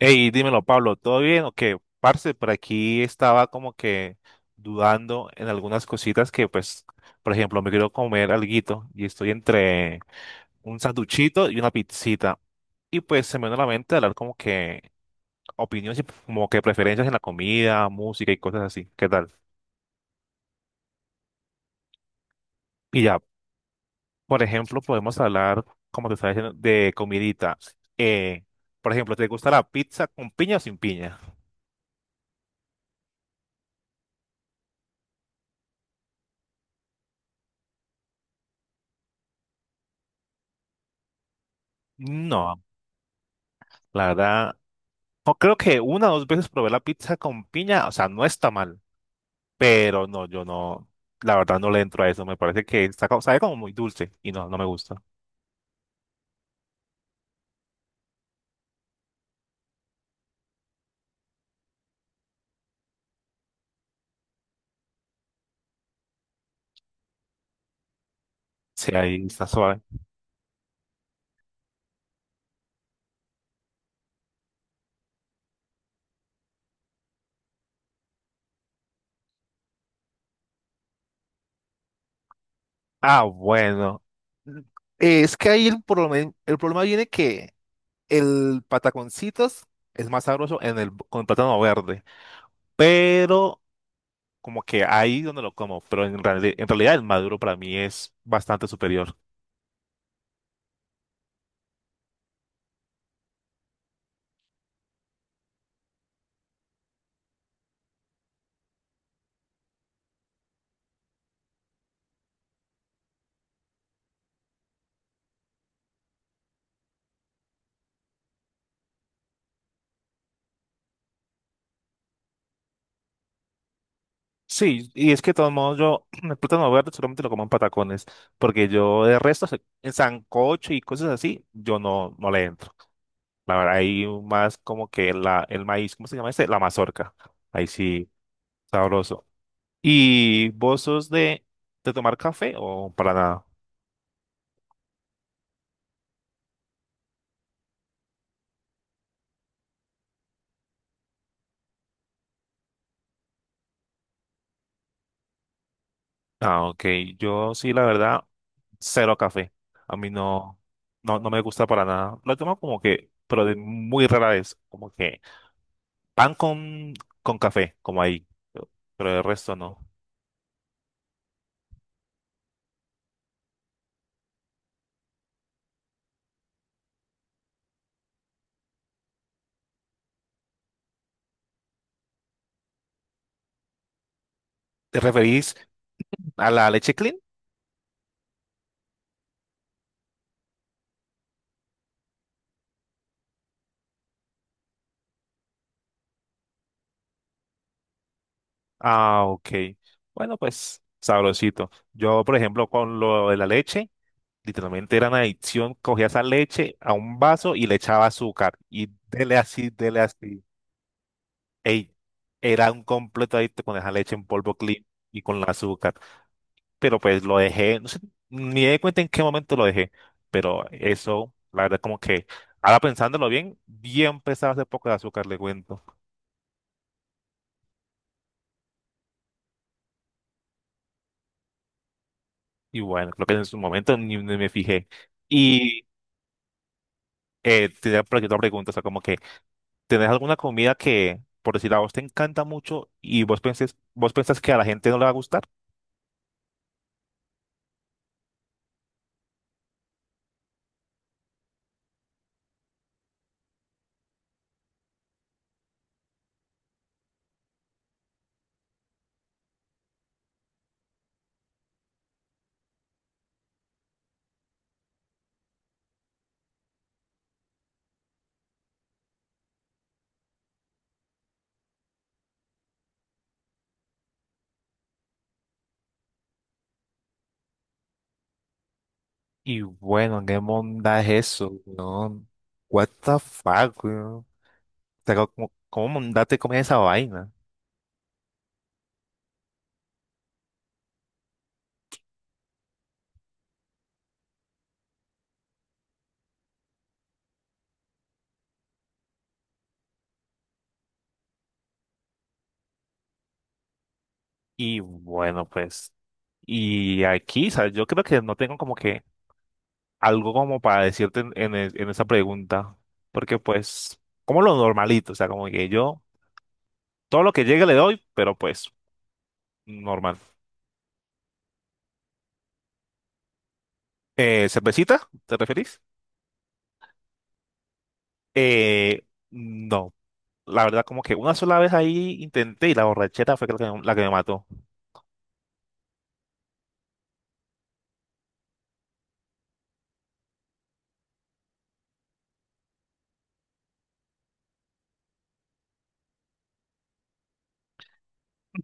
Hey, dímelo, Pablo, ¿todo bien o qué? Parce, por aquí estaba como que dudando en algunas cositas que, pues, por ejemplo, me quiero comer alguito y estoy entre un sanduchito y una pizzita. Y pues se me vino a la mente hablar como que opiniones y como que preferencias en la comida, música y cosas así. ¿Qué tal? Y ya, por ejemplo, podemos hablar, como te estaba diciendo, de comidita. Eh, por ejemplo, ¿te gusta la pizza con piña o sin piña? No, la verdad. No, creo que una o dos veces probé la pizza con piña, o sea, no está mal, pero no, yo no, la verdad no le entro a eso, me parece que está, sabe como muy dulce y no, no me gusta. Sí, ahí está suave. Ah, bueno. Mm, es que ahí el problema viene que el pataconcitos es más sabroso en el, con el plátano verde, pero como que ahí donde lo como, pero en realidad el maduro para mí es bastante superior. Sí, y es que de todos modos yo el plátano verde solamente lo como en patacones, porque yo de resto en sancocho y cosas así, yo no, no le entro. La verdad, ahí más como que la, el maíz, ¿cómo se llama este? La mazorca. Ahí sí, sabroso. ¿Y vos sos de tomar café o para nada? Ah, ok. Yo sí, la verdad, cero café. A mí no, no, no me gusta para nada. Lo tomo como que, pero de muy rara vez, como que Pan con, con café, como ahí. Pero el resto no. ¿Te referís a la leche clean? Ah, ok. Bueno, pues sabrosito. Yo, por ejemplo, con lo de la leche, literalmente era una adicción. Cogía esa leche a un vaso y le echaba azúcar. Y dele así, dele así. Ey, era un completo adicto con esa leche en polvo clean y con el azúcar. Pero pues lo dejé, no sé, ni me di cuenta en qué momento lo dejé, pero eso, la verdad, como que ahora pensándolo bien, bien pesado ese poco de azúcar, le cuento. Y bueno, creo que en su momento ni me fijé. Y tenía por aquí otra pregunta, o sea, como que, ¿tenés alguna comida que, por decir, a vos te encanta mucho y vos pensés, vos pensás que a la gente no le va a gustar? Y bueno, ¿qué monda es eso, weón? What the fuck, weón? O sea, ¿cómo, cómo monda te comes esa vaina? Y bueno, pues, y aquí, ¿sabes? Yo creo que no tengo como que algo como para decirte en esa pregunta, porque pues, como lo normalito, o sea, como que yo, todo lo que llegue le doy, pero pues, normal. ¿Cervecita? ¿Te referís? Eh, no, la verdad como que una sola vez ahí intenté y la borrachera fue la que me mató.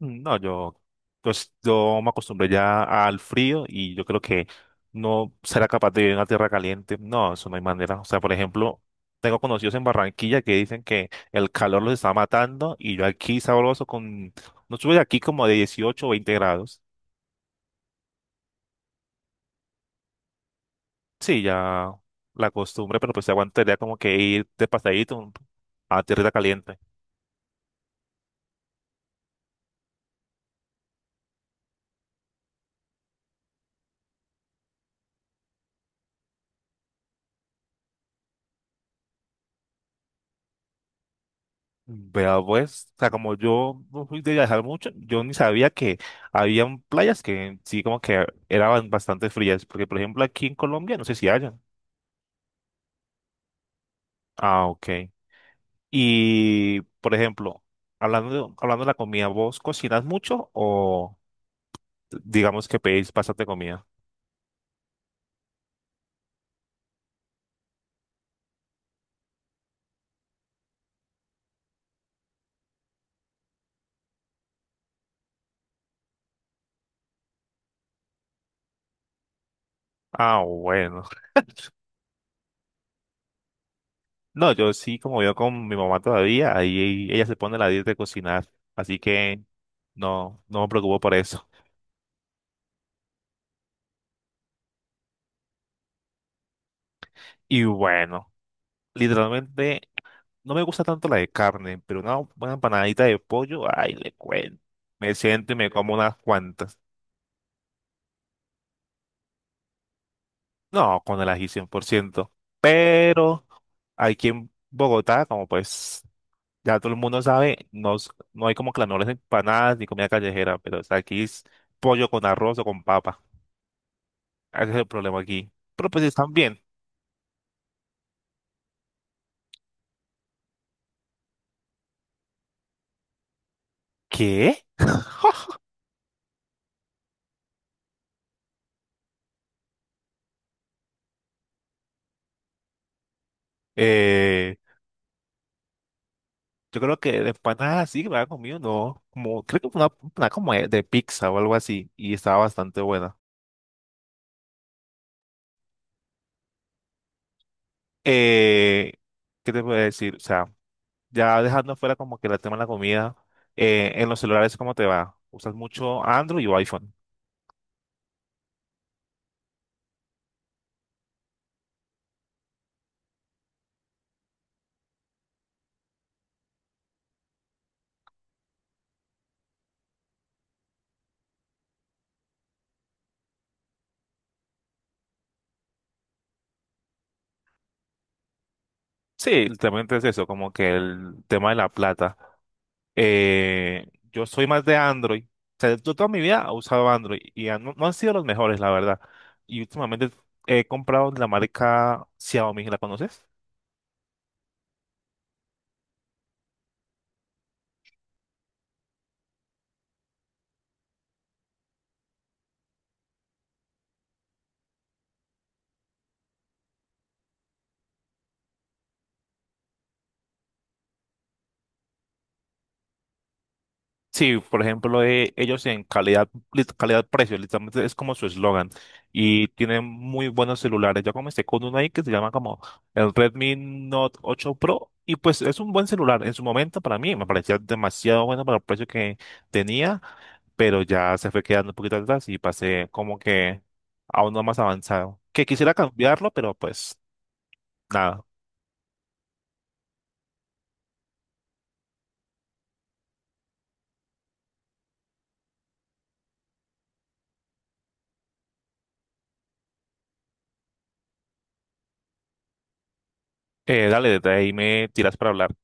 No, yo, pues yo me acostumbré ya al frío y yo creo que no será capaz de vivir en una tierra caliente. No, eso no hay manera. O sea, por ejemplo, tengo conocidos en Barranquilla que dicen que el calor los está matando y yo aquí sabroso con, no sube aquí como de 18, o 20 grados. Sí, ya la costumbre, pero pues se aguantaría como que ir de pasadito a tierra caliente. Vea pues, o sea, como yo no fui de viajar mucho, yo ni sabía que habían playas que sí como que eran bastante frías, porque por ejemplo aquí en Colombia no sé si hayan. Ah, ok. Y por ejemplo, hablando de la comida, ¿vos cocinas mucho o digamos que pedís bastante comida? Ah, bueno. No, yo sí como vivo con mi mamá todavía, ahí ella se pone la dieta de cocinar, así que no, no me preocupo por eso. Y bueno. Literalmente no me gusta tanto la de carne, pero una buena empanadita de pollo, ay, le cuento. Me siento y me como unas cuantas. No, con el ají cien por ciento. Pero aquí en Bogotá, como pues ya todo el mundo sabe, no, no hay como clamores de empanadas ni comida callejera, pero o sea, aquí es pollo con arroz o con papa. Ese es el problema aquí. Pero pues están bien. ¿Qué? Eh, yo creo que de empanadas sí que me había comido, no. Como, creo que fue una empanada como de pizza o algo así y estaba bastante buena. Eh, ¿Qué te puedo decir? O sea, ya dejando fuera como que el tema de la comida, en los celulares, ¿cómo te va? ¿Usas mucho Android o iPhone? Sí, literalmente es eso, como que el tema de la plata. Yo soy más de Android. O sea, yo toda mi vida he usado Android y no, no han sido los mejores, la verdad. Y últimamente he comprado de la marca Xiaomi, ¿la conoces? Sí, por ejemplo, ellos en calidad, calidad-precio, literalmente es como su eslogan. Y tienen muy buenos celulares. Yo comencé con uno ahí que se llama como el Redmi Note 8 Pro. Y pues es un buen celular. En su momento para mí me parecía demasiado bueno para el precio que tenía, pero ya se fue quedando un poquito atrás y pasé como que a uno más avanzado. Que quisiera cambiarlo, pero pues nada. Dale, desde ahí me tiras para hablar.